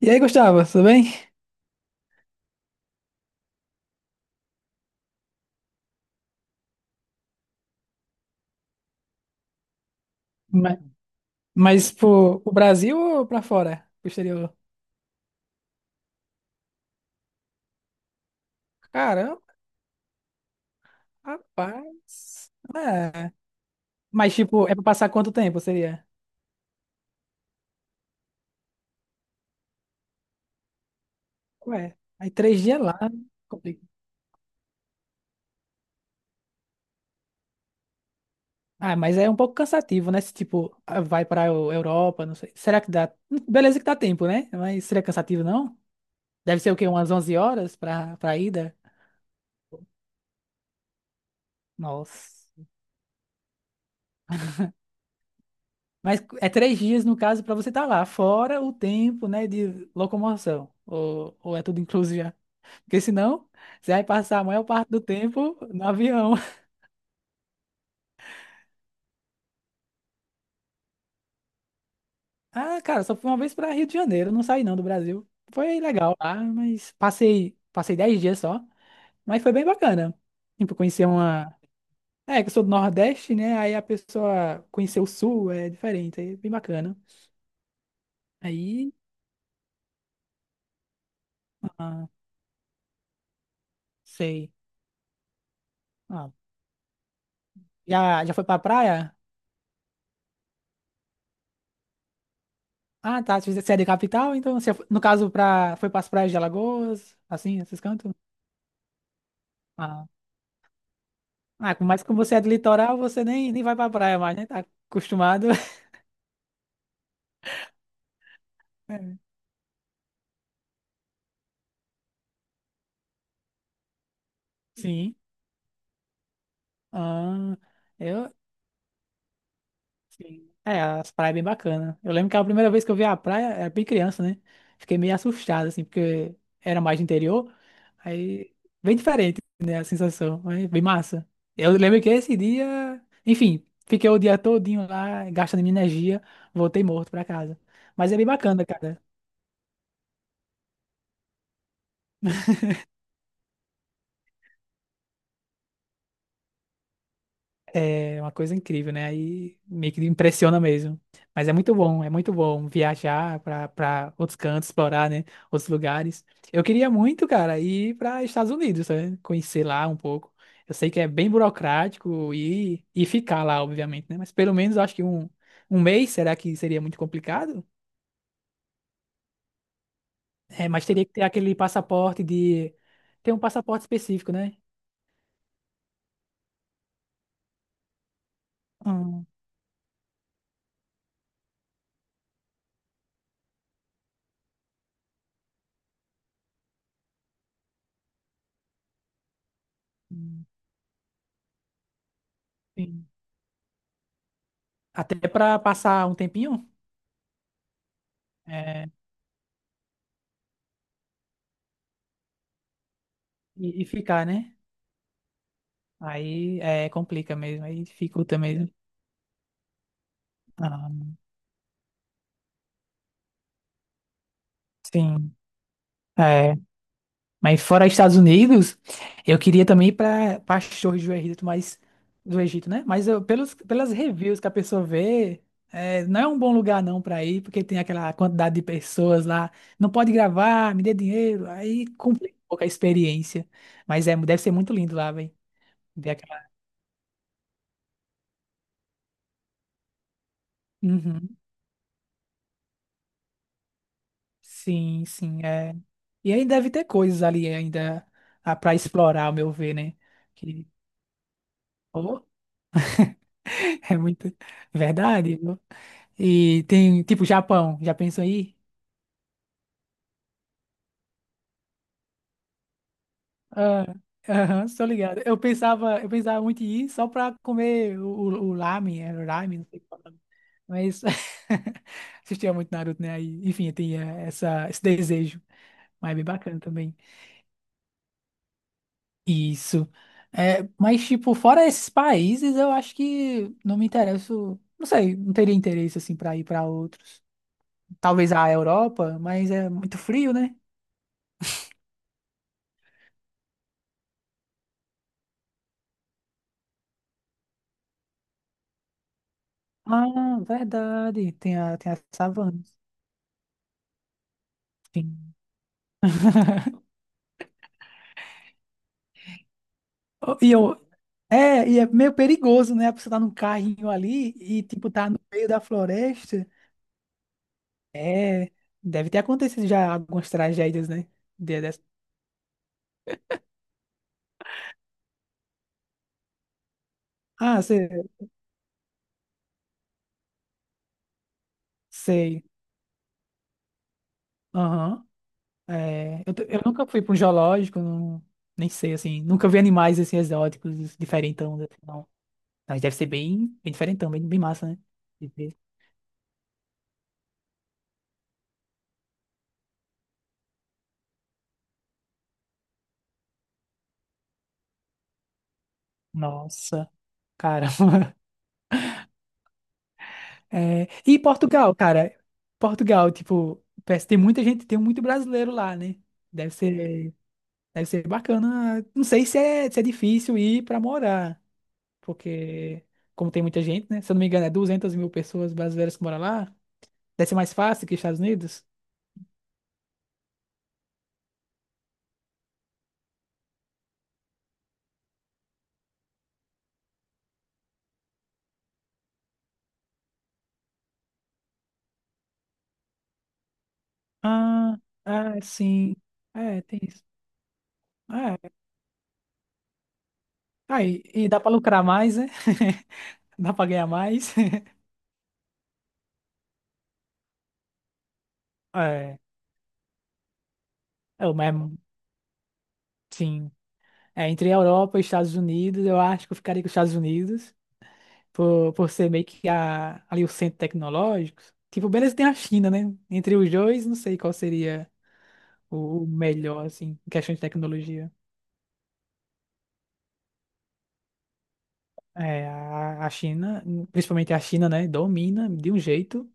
E aí, Gustavo, tudo bem? Ma- Mas, pro Brasil ou pra fora? Pro exterior? Caramba, rapaz. É. Mas, tipo, é pra passar quanto tempo seria? Ué, aí 3 dias lá. Complicado. Ah, mas é um pouco cansativo, né? Se, tipo, ah, vai pra Europa, não sei. Será que dá? Beleza que dá tempo, né? Mas seria cansativo, não? Deve ser o quê? Umas 11 horas pra ida? Nossa. Mas é 3 dias, no caso, pra você estar lá, fora o tempo, né, de locomoção. Ou é tudo incluso já? Porque senão, você vai passar a maior parte do tempo no avião. Ah, cara, só fui uma vez para Rio de Janeiro, não saí não do Brasil. Foi legal lá, mas passei 10 dias só, mas foi bem bacana. Tipo, conhecer uma. É, que eu sou do Nordeste, né? Aí a pessoa conhecer o Sul é diferente, aí é bem bacana. Aí, ah, sei. Ah, já foi pra praia? Ah, tá. Você é de capital, então você, no caso, pra, foi pras praias de Alagoas, assim, esses cantos? Ah, Ah, mas como você é do litoral, você nem vai pra praia mais, né? Tá acostumado. É. Sim. Ah, eu. Sim. É, as praias é bem bacanas. Eu lembro que a primeira vez que eu vi a praia era bem criança, né? Fiquei meio assustado, assim, porque era mais de interior. Aí, bem diferente, né? A sensação. Mas bem massa. Eu lembro que esse dia. Enfim, fiquei o dia todinho lá, gastando minha energia, voltei morto pra casa. Mas é bem bacana, cara. É uma coisa incrível, né? Aí meio que impressiona mesmo. Mas é muito bom viajar para outros cantos, explorar, né? Outros lugares. Eu queria muito, cara, ir para Estados Unidos, né? Conhecer lá um pouco. Eu sei que é bem burocrático e ficar lá, obviamente, né? Mas pelo menos eu acho que um mês, será que seria muito complicado? É, mas teria que ter aquele passaporte de. Tem um passaporte específico, né? Hum, hum, sim. Até para passar um tempinho, é, e ficar, né? Aí é, complica mesmo, aí dificulta mesmo. Ah, sim. É. Mas fora Estados Unidos, eu queria também ir para as torres do Egito, mas do Egito, né? Pelas reviews que a pessoa vê, é, não é um bom lugar não para ir, porque tem aquela quantidade de pessoas lá, não pode gravar, me dê dinheiro, aí complica um pouco a experiência. Mas é, deve ser muito lindo lá, velho. Ver aquela. Uhum. Sim, sim, é. E aí deve ter coisas ali ainda para explorar, ao meu ver, né? Que, oh, é muito verdade, viu? E tem, tipo, Japão, já pensou aí? Ah, aham, estou ligado. Eu pensava muito em ir só para comer o ramen, é ramen, não sei qual é o nome. Mas assistia muito Naruto, né? Aí, enfim, eu tinha esse desejo, mas é bem bacana também. Isso. É, mas, tipo, fora esses países, eu acho que não me interesso. Não sei, não teria interesse, assim, pra ir pra outros. Talvez a Europa, mas é muito frio, né? Ah, verdade. Tem a savana. Sim. Oh, e é meio perigoso, né? A pessoa tá num carrinho ali e, tipo, tá no meio da floresta. É, deve ter acontecido já algumas tragédias, né? De- dessa- Ah, sei, sei. Aham. É, eu nunca fui para um zoológico, nem sei, assim. Nunca vi animais, assim, exóticos, diferentão, assim, não. Mas deve ser bem, bem diferentão, bem, bem massa, né? De ver. Nossa, cara. É, e Portugal, cara? Portugal, tipo, parece que tem muita gente, tem muito brasileiro lá, né? Deve ser, deve ser bacana. Não sei se é difícil ir para morar, porque, como tem muita gente, né? Se eu não me engano, é 200 mil pessoas brasileiras que moram lá. Deve ser mais fácil que Estados Unidos. Ah, é, sim. É, tem isso. É. Aí, e dá pra lucrar mais, né? Dá pra ganhar mais. É, eu mesmo, sim. É, entre a Europa e Estados Unidos, eu acho que eu ficaria com os Estados Unidos, por ser meio que a, ali o centro tecnológico. Tipo, beleza, tem a China, né? Entre os dois, não sei qual seria o melhor, assim, em questão de tecnologia. É, a China, principalmente a China, né, domina de um jeito.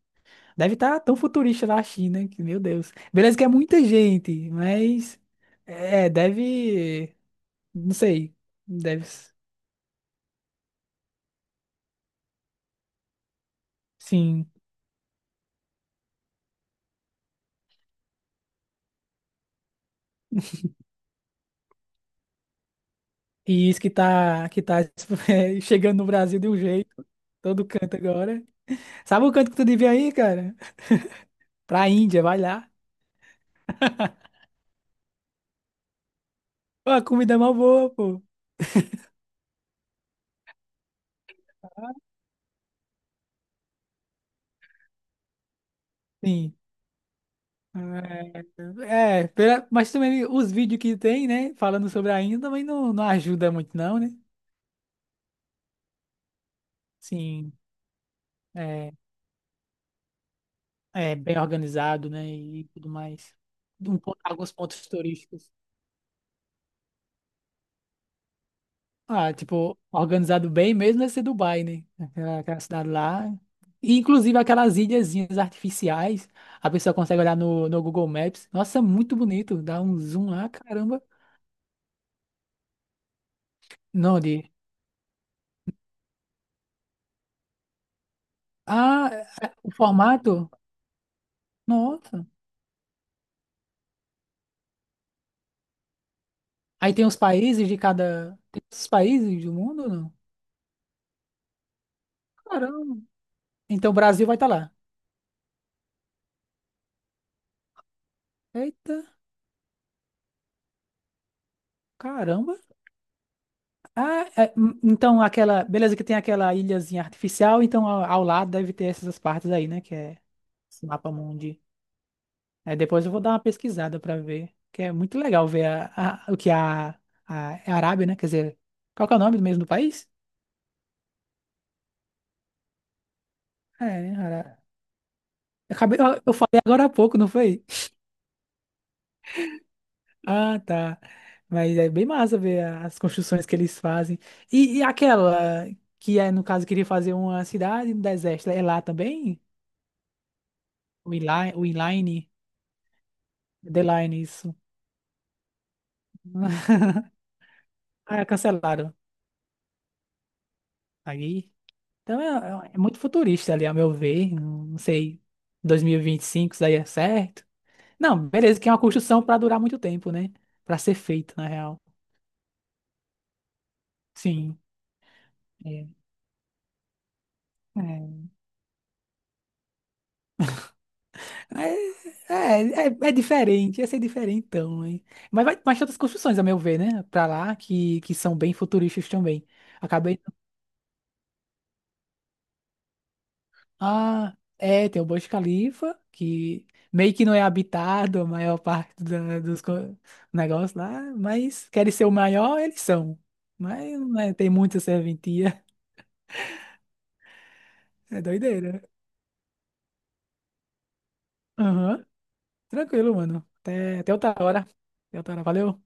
Deve estar tão futurista lá a China, que, meu Deus. Beleza que é muita gente, mas é, deve, não sei, deve sim. E isso que tá, é, chegando no Brasil de um jeito, todo canto agora. Sabe o canto que tu devia ir, cara? Pra Índia, vai lá. Pô, a comida é mó boa, pô. Sim. Pela- mas também os vídeos que tem, né, falando sobre a Índia também não ajuda muito não, né? Sim, é, é bem organizado, né, e tudo mais. Alguns pontos turísticos. Ah, tipo, organizado bem mesmo deve ser Dubai, né? Aquela cidade lá. E, inclusive aquelas ilhazinhas artificiais, a pessoa consegue olhar no Google Maps. Nossa, muito bonito, dá um zoom lá, caramba. Não, de... Ah, é, o formato? Nossa. Aí tem os países de cada. Tem os países do mundo ou não? Caramba. Então o Brasil vai estar lá. Eita, caramba. Ah, é, então aquela. Beleza, que tem aquela ilhazinha artificial, então ao lado deve ter essas partes aí, né? Que é esse mapa mundi. Aí depois eu vou dar uma pesquisada para ver. Que é muito legal ver o que é a Arábia, né? Quer dizer, qual que é o nome mesmo do país? É, né? Eu, acabei, eu falei agora há pouco, não foi? Ah, tá. Mas é bem massa ver as construções que eles fazem. E aquela que é, no caso, queria fazer uma cidade no deserto, é lá também? O inline, The Line, isso. Ah, cancelaram. Aí. Então é muito futurista ali, a meu ver. Não sei, dois mil não sei, 2025 isso aí é certo. Não, beleza, que é uma construção para durar muito tempo, né? Para ser feito, na real. Sim. É. é. É, é, é, diferente, ia ser diferente então, hein? Mas tem outras construções, a meu ver, né? Pra lá, que são bem futuristas também. Acabei. Ah, é, tem o Burj Khalifa, que meio que não é habitado a maior parte dos negócios lá, mas querem ser o maior, eles são. Mas não é- tem muita serventia. É doideira. Aham, tranquilo, mano. Até outra hora. Até outra hora, valeu.